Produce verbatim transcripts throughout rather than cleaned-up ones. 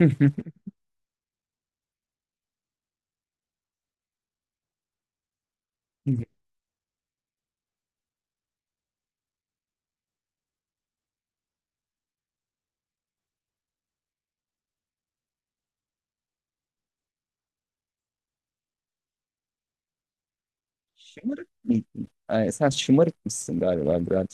Şımarık mıydın? Ay, sen şımarık mısın galiba biraz?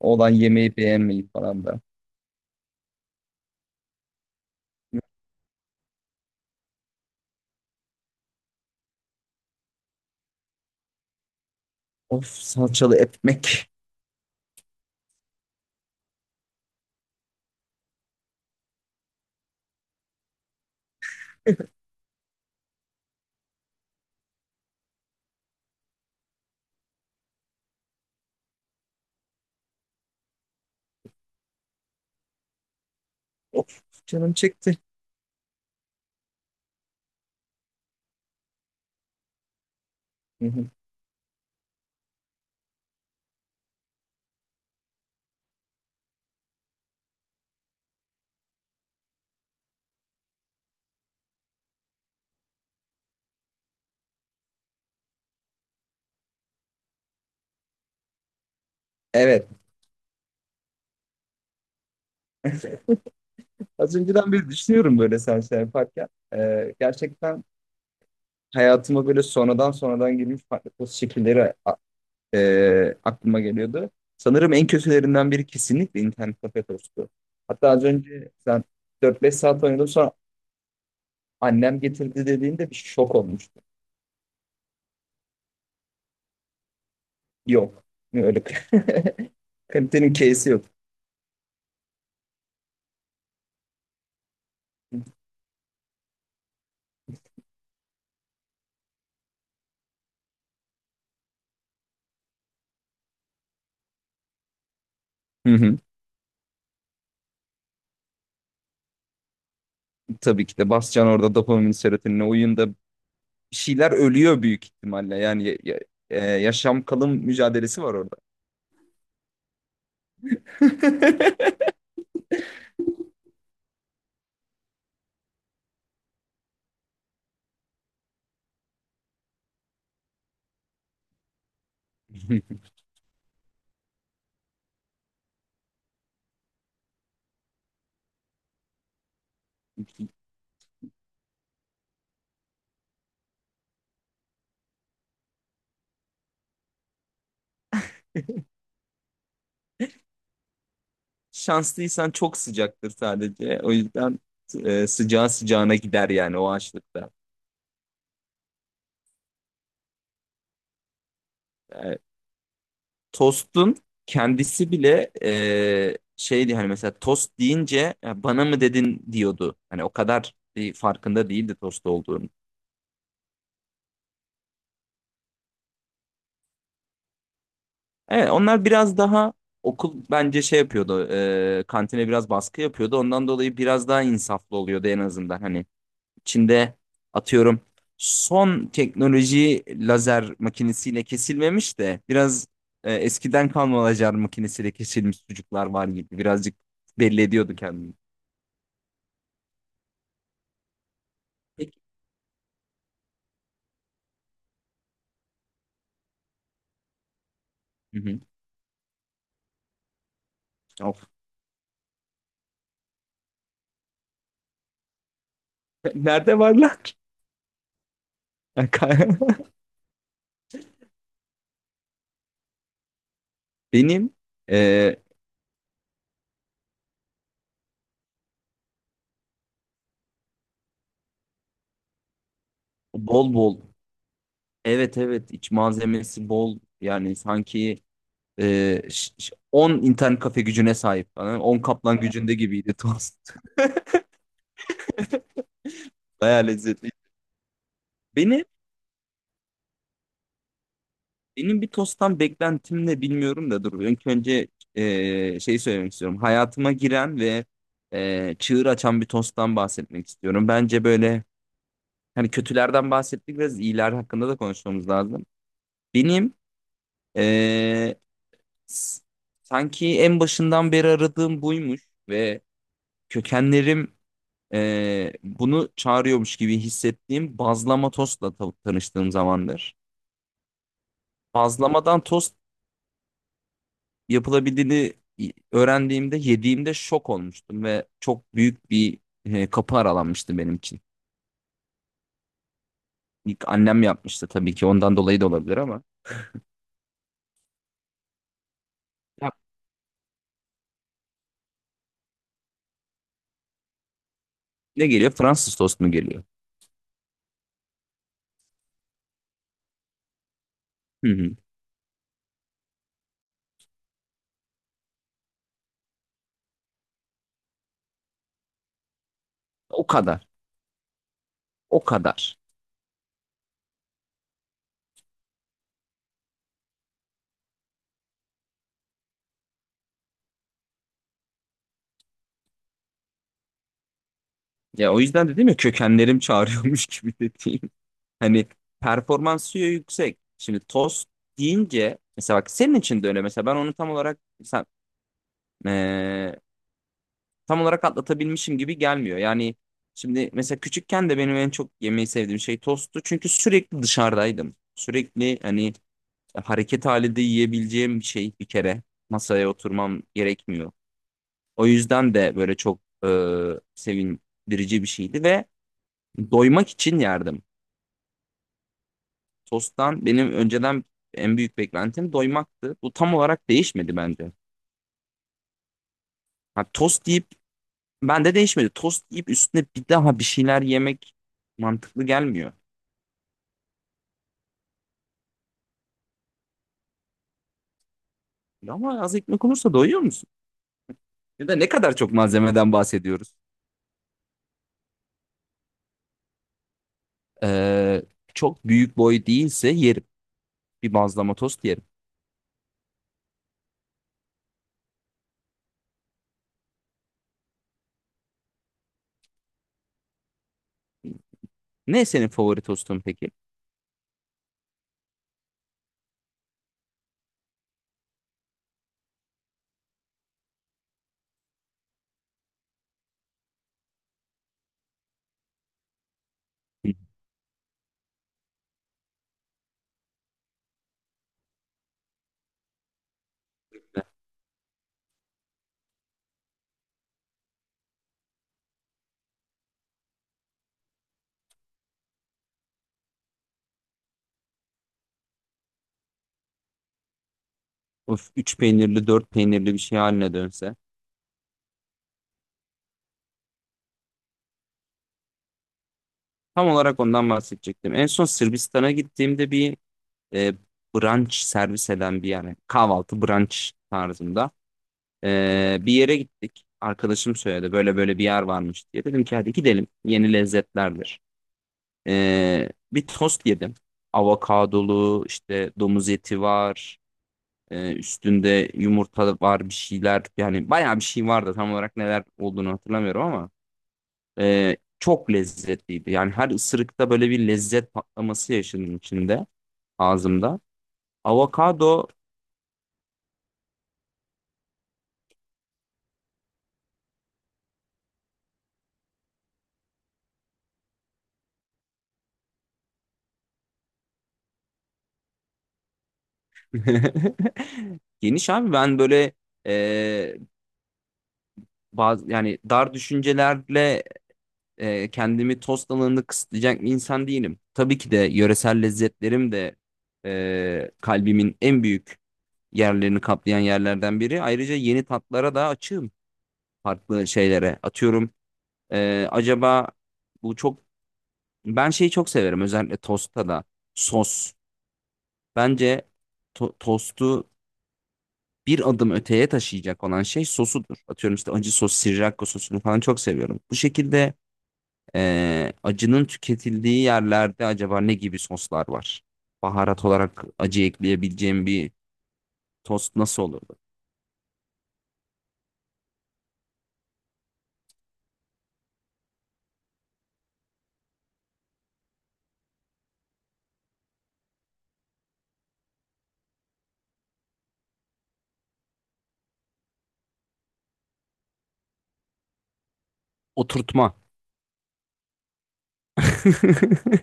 Olan yemeği beğenmeyi falan da. Of salçalı ekmek. Of, canım çekti. Hı hı. Evet. Az önceden beri düşünüyorum böyle sen şey yaparken. Ee, gerçekten hayatıma böyle sonradan sonradan girmiş farklı poz şekilleri a- e, aklıma geliyordu. Sanırım en kötülerinden biri kesinlikle internet kafe tostu. Hatta az önce sen dört beş saat oynadım sonra annem getirdi dediğinde bir şok olmuş. Yok. Öyle kalitenin case'i yok. Hı hı. Tabii ki de basacaksın orada dopamin serotonine, oyunda bir şeyler ölüyor büyük ihtimalle. Yani ya- ya- e, yaşam kalım mücadelesi var orada. Şanslıysan çok sıcaktır sadece. O yüzden e, sıcağı sıcağına gider yani o açlıkta. E, Tostun kendisi bile e, şeydi hani, mesela tost deyince "Ya bana mı dedin?" diyordu. Hani o kadar bir farkında değildi tost olduğunu. Evet, onlar biraz daha okul bence şey yapıyordu. E, kantine biraz baskı yapıyordu. Ondan dolayı biraz daha insaflı oluyordu en azından. Hani Çin'de atıyorum son teknoloji lazer makinesiyle kesilmemiş de biraz e, eskiden kalma lazer makinesiyle kesilmiş sucuklar var gibi. Birazcık belli ediyordu kendini. Peki. Hı hı. Of. Nerede varlar? Benim e, bol bol. Evet, evet, iç malzemesi bol. Yani sanki Ee, ş- ş- on internet kafe gücüne sahip falan. on kaplan gücünde gibiydi tost. Bayağı lezzetli. Beni, benim bir tosttan beklentim ne bilmiyorum da dur. İlk önce ee, şey söylemek istiyorum. Hayatıma giren ve ee, çığır açan bir tosttan bahsetmek istiyorum. Bence böyle hani kötülerden bahsettik, biraz iyiler hakkında da konuşmamız lazım. Benim ee, s- sanki en başından beri aradığım buymuş ve kökenlerim e, bunu çağırıyormuş gibi hissettiğim bazlama tostla ta- tanıştığım zamandır. Bazlamadan tost yapılabildiğini öğrendiğimde, yediğimde şok olmuştum ve çok büyük bir e, kapı aralanmıştı benim için. İlk annem yapmıştı tabii ki, ondan dolayı da olabilir ama. Ya ne geliyor? Fransız tost mu geliyor? Hı hı. O kadar. O kadar. Ya, o yüzden dedim ya kökenlerim çağırıyormuş gibi dediğim. Hani performansı yüksek. Şimdi tost deyince mesela bak senin için de öyle. Mesela ben onu tam olarak sen, eee, tam olarak atlatabilmişim gibi gelmiyor. Yani şimdi mesela küçükken de benim en çok yemeyi sevdiğim şey tosttu. Çünkü sürekli dışarıdaydım. Sürekli hani hareket halinde yiyebileceğim bir şey bir kere. Masaya oturmam gerekmiyor. O yüzden de böyle çok eee sevindirici bir şeydi ve doymak için yerdim. Tost'tan benim önceden en büyük beklentim doymaktı. Bu tam olarak değişmedi bence. Ha, tost yiyip bende değişmedi. Tost yiyip üstüne bir daha bir şeyler yemek mantıklı gelmiyor. Ama az ekmek olursa doyuyor musun? Ya da ne kadar çok malzemeden bahsediyoruz? Ee, Çok büyük boy değilse yerim. Bir bazlama tost yerim. Ne senin favori tostun peki? Hı. Of, üç peynirli, dört peynirli bir şey haline dönse. Tam olarak ondan bahsedecektim. En son Sırbistan'a gittiğimde bir e, brunch servis eden bir yer. Yani kahvaltı brunch tarzında. E, bir yere gittik. Arkadaşım söyledi böyle böyle bir yer varmış diye. Dedim ki hadi gidelim. Yeni lezzetlerdir. E, bir tost yedim. Avokadolu, işte domuz eti var. E, üstünde yumurta var, bir şeyler. Yani bayağı bir şey vardı. Tam olarak neler olduğunu hatırlamıyorum ama e, çok lezzetliydi. Yani her ısırıkta böyle bir lezzet patlaması yaşadım içinde, ağzımda. Avokado geniş abi. Ben böyle e, bazı yani dar düşüncelerle e, kendimi tost alanını kısıtlayacak bir insan değilim. Tabii ki de yöresel lezzetlerim de e, kalbimin en büyük yerlerini kaplayan yerlerden biri. Ayrıca yeni tatlara da açığım, farklı şeylere. Atıyorum e, acaba bu çok, ben şeyi çok severim özellikle tostta da: sos. Bence to- tostu bir adım öteye taşıyacak olan şey sosudur. Atıyorum işte acı sos, Sriracha sosunu falan çok seviyorum. Bu şekilde eee, acının tüketildiği yerlerde acaba ne gibi soslar var? Baharat olarak acı ekleyebileceğim bir tost nasıl olurdu? Oturtma.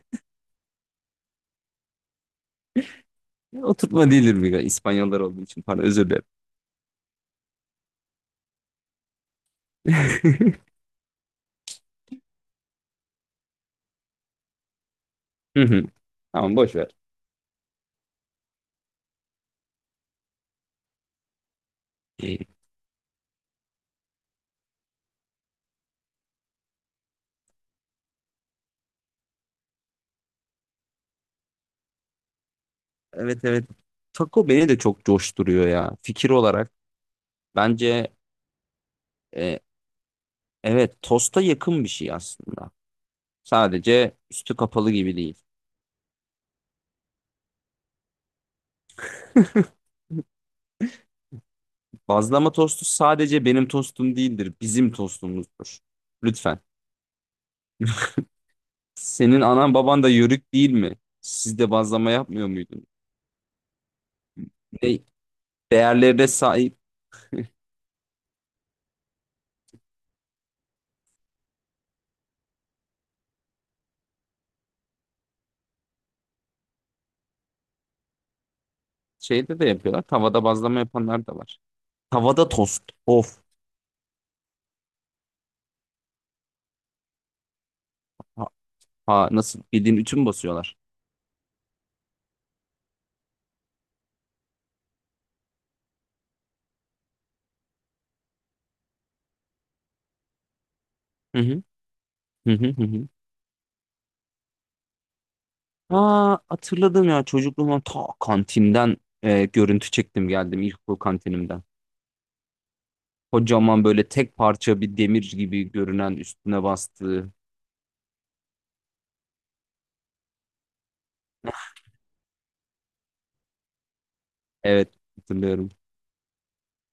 Oturtma değildir, bir İspanyollar olduğu için, pardon, özür dilerim. Hı hı. Tamam, boş ver. İyi. Evet, evet. Taco beni de çok coşturuyor ya. Fikir olarak bence e, evet, tosta yakın bir şey aslında. Sadece üstü kapalı gibi değil. Bazlama tostu sadece benim tostum değildir, bizim tostumuzdur. Lütfen. Senin anan baban da yörük değil mi? Siz de bazlama yapmıyor muydunuz? Ne değerlerine sahip şeyde de yapıyorlar. Tavada bazlama yapanlar da var. Tavada tost. Of. Ha, ha, nasıl, bildiğin ütü mü basıyorlar? Hı hı. Hı hı hı hı. Aa, hatırladım ya çocukluğumdan, ta kantinden e, görüntü çektim geldim ilkokul kantinimden. Kocaman böyle tek parça bir demir gibi görünen üstüne bastığı. Evet, hatırlıyorum.